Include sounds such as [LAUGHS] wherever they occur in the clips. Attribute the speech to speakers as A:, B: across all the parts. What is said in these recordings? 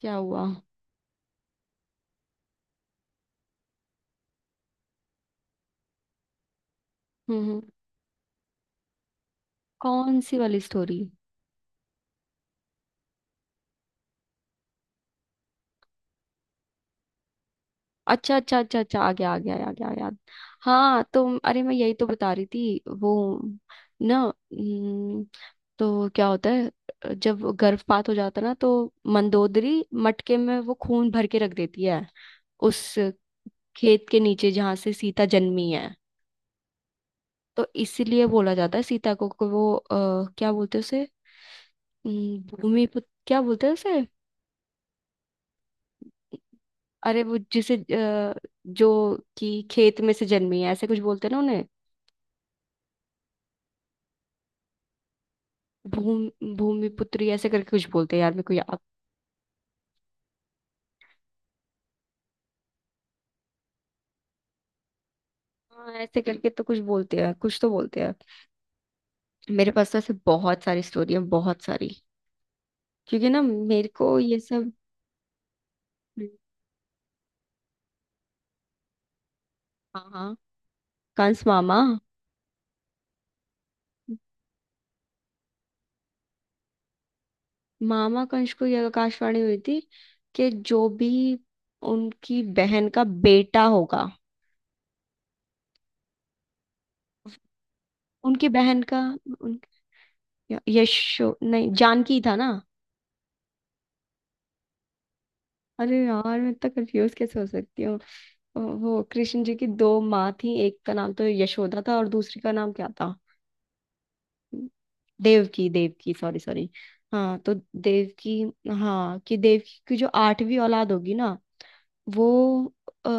A: क्या हुआ? हम्म। कौन सी वाली स्टोरी? अच्छा, अच्छा, अच्छा, अच्छा। आ गया, आ गया, आ गया याद। हाँ तो अरे, मैं यही तो बता रही थी वो ना। हम्म, तो क्या होता है, जब गर्भपात हो जाता है ना, तो मंदोदरी मटके में वो खून भर के रख देती है, उस खेत के नीचे जहां से सीता जन्मी है। तो इसीलिए बोला जाता है सीता को वो क्या बोलते हैं उसे? भूमि पुत्र, क्या बोलते हैं उसे? अरे वो जिसे जो कि खेत में से जन्मी है, ऐसे कुछ बोलते हैं ना उन्हें। भूमि भूमि पुत्री, ऐसे करके कुछ बोलते हैं यार, मेरे को याद। हाँ, ऐसे करके तो कुछ बोलते हैं, कुछ तो बोलते हैं। मेरे पास तो ऐसे बहुत सारी स्टोरी है, बहुत सारी। क्योंकि ना मेरे को ये सब। हाँ, हाँ। कंस मामा। मामा कंस को यह आकाशवाणी हुई थी कि जो भी उनकी बहन का बेटा होगा। उनकी बहन का उन, यशो नहीं, जानकी था ना। अरे यार, मैं इतना कंफ्यूज कैसे हो सकती हूँ? वो कृष्ण जी की दो माँ थी, एक का नाम तो यशोदा था और दूसरी का नाम क्या था? देवकी, देवकी। Sorry, sorry. हाँ तो देवकी। हाँ कि देवकी की जो आठवीं औलाद होगी ना, वो अ,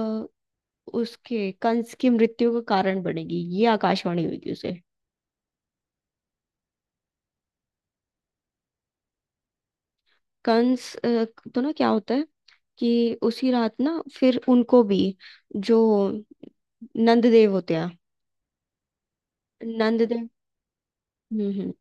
A: उसके, कंस की मृत्यु का कारण बनेगी, ये आकाशवाणी हुई थी उसे। कंस तो ना क्या होता है, कि उसी रात ना, फिर उनको भी, जो नंद देव होते हैं। नंद देव। हम्म, हम्म।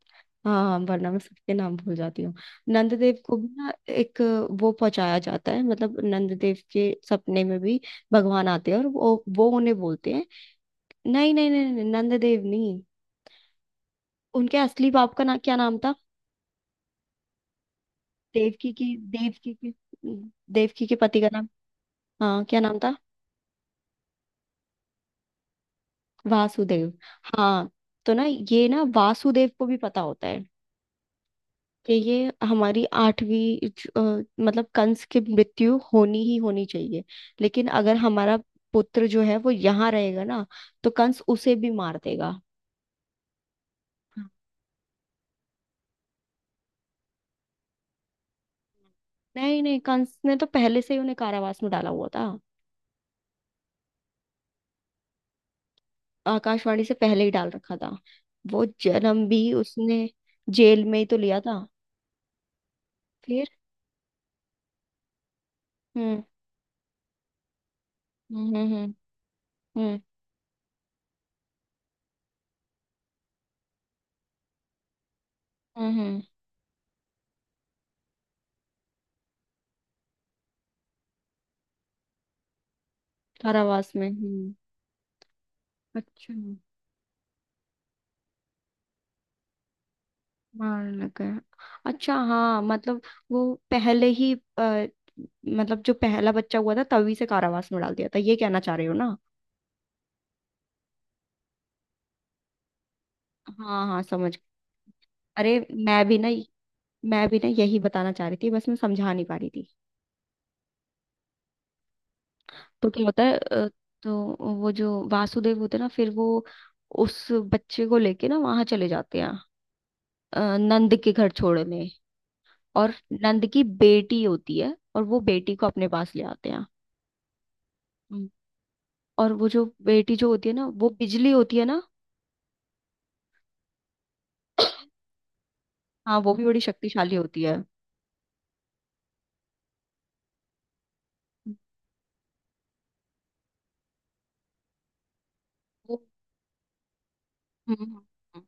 A: हाँ, हाँ, वरना मैं सबके नाम भूल जाती हूँ। नंददेव को भी ना एक, वो पहुंचाया जाता है, मतलब नंददेव के सपने में भी भगवान आते हैं और वो उन्हें बोलते हैं। नहीं, नहीं, नहीं, नहीं, नंददेव नहीं। उनके असली बाप का ना क्या नाम था? देवकी की, देवकी की, देवकी के पति का नाम। हाँ, क्या नाम था? वासुदेव। हाँ तो ना, ये ना वासुदेव को भी पता होता है, कि ये हमारी आठवीं मतलब कंस की मृत्यु होनी ही होनी चाहिए, लेकिन अगर हमारा पुत्र जो है वो यहाँ रहेगा ना, तो कंस उसे भी मार देगा। नहीं, नहीं, कंस ने तो पहले से ही उन्हें कारावास में डाला हुआ था। आकाशवाणी से पहले ही डाल रखा था, वो जन्म भी उसने जेल में ही तो लिया था। फिर। हम्म, हम्म, हम्म, हम्म, हम्म, हम्म। कारावास में। हम्म। अच्छा। मारने लगे। अच्छा, हाँ, मतलब वो पहले ही मतलब जो पहला बच्चा हुआ था तभी से कारावास में डाल दिया था, ये कहना चाह रहे हो ना? हाँ, हाँ, समझ गई। अरे मैं भी ना मैं भी ना यही बताना चाह रही थी, बस मैं समझा नहीं पा रही थी। तो क्या होता है? तो वो जो वासुदेव होते हैं ना, फिर वो उस बच्चे को लेके ना वहां चले जाते हैं, नंद के घर छोड़ने। और नंद की बेटी होती है और वो बेटी को अपने पास ले आते हैं। और वो जो बेटी जो होती है ना, वो बिजली होती है ना। हाँ, वो भी बड़ी शक्तिशाली होती है वो। हम्म, हम्म, हम्म।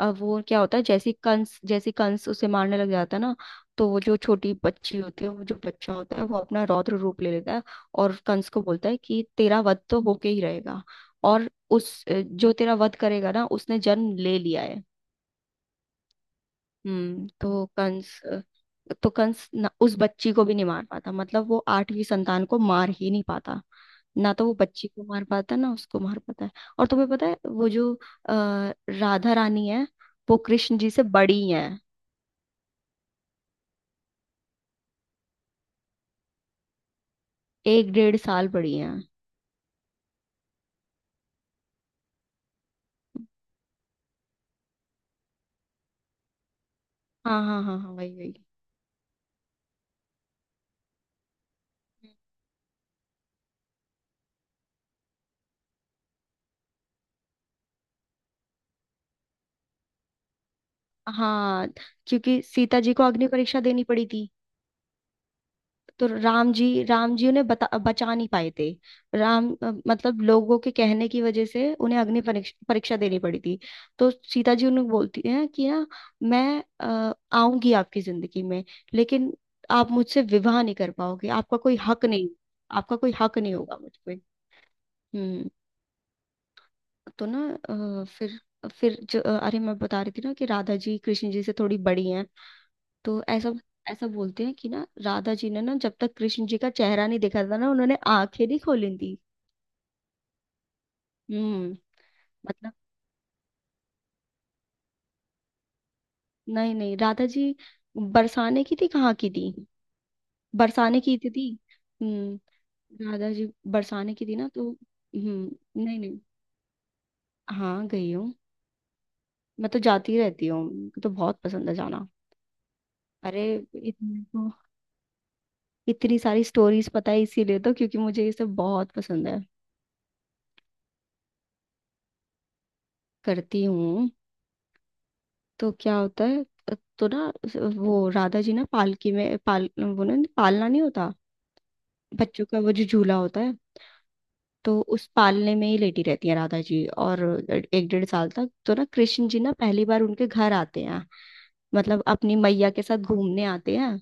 A: अब वो क्या होता है, जैसी कंस उसे मारने लग जाता है ना। तो वो जो छोटी बच्ची होती है, वो जो बच्चा होता है, वो अपना रौद्र रूप ले लेता है। और कंस को बोलता है कि तेरा वध तो होके ही रहेगा। और उस जो तेरा वध करेगा ना, उसने जन्म ले लिया है। हम्म तो कंस तो कंस न, उस बच्ची को भी नहीं मार पाता, मतलब वो आठवीं संतान को मार ही नहीं पाता। ना तो वो बच्ची को मार पाता है, ना उसको मार पाता है। और तुम्हें पता है वो जो अ, राधा रानी है, वो कृष्ण जी से बड़ी हैं। एक डेढ़ साल बड़ी हैं। हाँ, हाँ, हाँ, हाँ, वही, वही। हाँ, क्योंकि सीता जी को अग्नि परीक्षा देनी पड़ी थी। तो राम जी, राम जी उन्हें बचा नहीं पाए थे। मतलब लोगों के कहने की वजह से उन्हें अग्नि परीक्षा देनी पड़ी थी। तो सीता जी उन्हें बोलती हैं कि ना, मैं आऊंगी आपकी जिंदगी में, लेकिन आप मुझसे विवाह नहीं कर पाओगे, आपका कोई हक नहीं। आपका कोई हक नहीं होगा मुझ पे। हम्म। तो ना, अ, फिर फिर जो, अरे मैं बता रही थी ना कि राधा जी कृष्ण जी से थोड़ी बड़ी हैं। तो ऐसा ऐसा बोलते हैं कि ना, राधा जी ने ना, जब तक कृष्ण जी का चेहरा नहीं देखा था ना, उन्होंने आंखें नहीं खोली थी। हम्म। मतलब, नहीं, नहीं, राधा जी, बरसाने की थी, कहाँ की थी? बरसाने की थी। हम्म। राधा जी बरसाने की थी ना, तो नहीं, नहीं। हाँ, गई हूँ। मैं तो जाती रहती हूँ, मुझे तो बहुत पसंद है जाना। अरे, इतनी तो इतनी सारी स्टोरीज पता है, इसीलिए तो, क्योंकि मुझे ये सब बहुत पसंद है। करती हूँ। तो क्या होता है? तो ना, वो राधा जी ना पालकी में पाल वो ना, पालना नहीं होता? बच्चों का वो जो झूला होता है। तो उस पालने में ही लेटी रहती है राधा जी, और एक डेढ़ साल तक। तो ना, कृष्ण जी ना पहली बार उनके घर आते हैं, मतलब अपनी मैया के साथ घूमने आते हैं।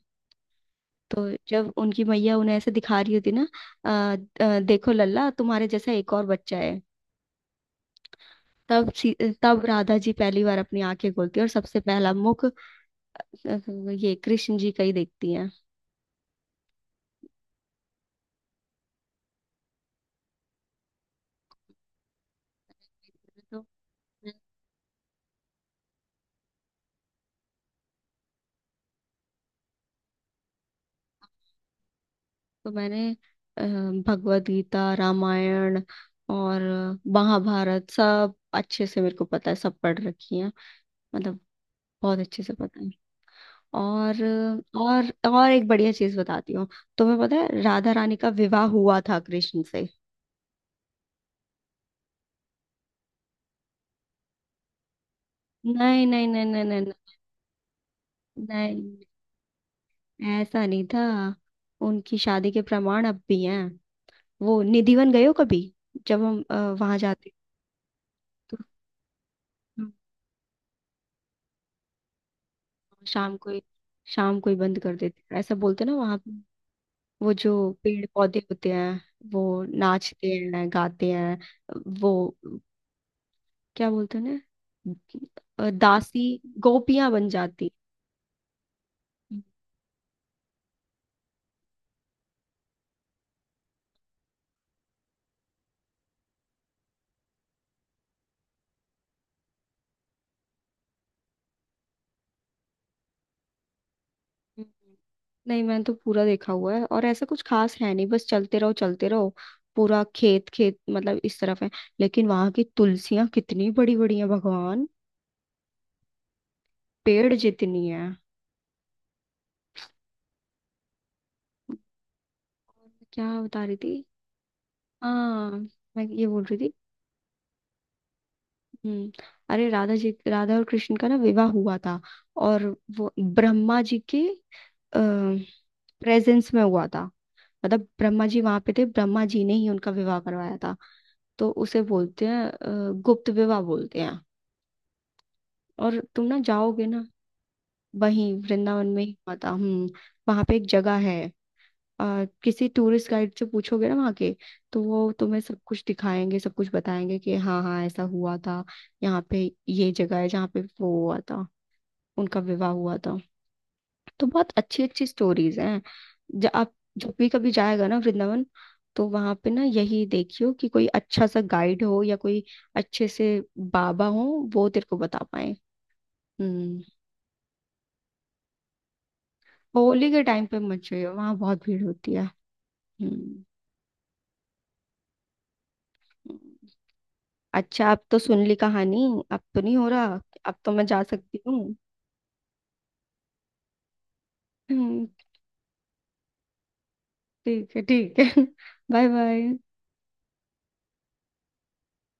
A: तो जब उनकी मैया उन्हें ऐसे दिखा रही होती ना, "आ, देखो लल्ला, तुम्हारे जैसा एक और बच्चा है।" तब सी- तब राधा जी पहली बार अपनी आंखें खोलती है, और सबसे पहला मुख ये कृष्ण जी का ही देखती है। तो मैंने अ, भगवत गीता, रामायण और महाभारत सब अच्छे से मेरे को पता है, सब पढ़ रखी हैं। मतलब बहुत अच्छे से पता है। और और एक बढ़िया चीज बताती हूँ। तुम्हें पता है राधा रानी का विवाह हुआ था कृष्ण से? नहीं, नहीं, नहीं, नहीं, नहीं, नहीं, नहीं, ऐसा नहीं था। उनकी शादी के प्रमाण अब भी हैं। वो निधिवन गए हो कभी? जब हम वहां जाते, तो हम शाम को ही- शाम को ही बंद कर देते, ऐसा बोलते ना वहां। वो जो पेड़ पौधे होते हैं, वो नाचते हैं, गाते हैं। वो क्या बोलते हैं ना, दासी, गोपियां बन जाती। हम्म। नहीं, मैंने तो पूरा देखा हुआ है और ऐसा कुछ खास है नहीं, बस चलते रहो, चलते रहो। पूरा खेत, खेत मतलब इस तरफ है। लेकिन वहां की तुलसियां कितनी बड़ी बड़ी हैं भगवान! पेड़ जितनी है। क्या बता रही थी? हाँ, मैं ये बोल रही थी। हम्म। अरे, राधा और कृष्ण का ना विवाह हुआ था। और वो ब्रह्मा जी के प्रेजेंस में हुआ था, मतलब ब्रह्मा जी वहां पे थे, ब्रह्मा जी ने ही उनका विवाह करवाया था। तो उसे बोलते हैं गुप्त विवाह बोलते हैं। और तुम ना जाओगे ना, वहीं वृंदावन में ही हुआ था। हम्म। वहां पे एक जगह है। किसी टूरिस्ट गाइड से पूछोगे ना वहाँ के, तो वो तुम्हें सब कुछ दिखाएंगे, सब कुछ बताएंगे कि हाँ, हाँ, ऐसा हुआ था। यहाँ पे ये जगह है जहाँ पे वो हुआ था, उनका विवाह हुआ था। तो बहुत अच्छी अच्छी स्टोरीज हैं। जब भी कभी जाएगा ना वृंदावन, तो वहां पे ना यही देखियो कि कोई अच्छा सा गाइड हो या कोई अच्छे से बाबा हो, वो तेरे को बता पाए। हम्म। होली के टाइम पे मत जाइयो वहां, बहुत भीड़ होती है। हम्म, हम्म। अच्छा, अब तो सुन ली कहानी। अब तो नहीं हो रहा। अब तो मैं जा सकती हूँ। हम्म, ठीक है, ठीक है। [LAUGHS] Bye, bye.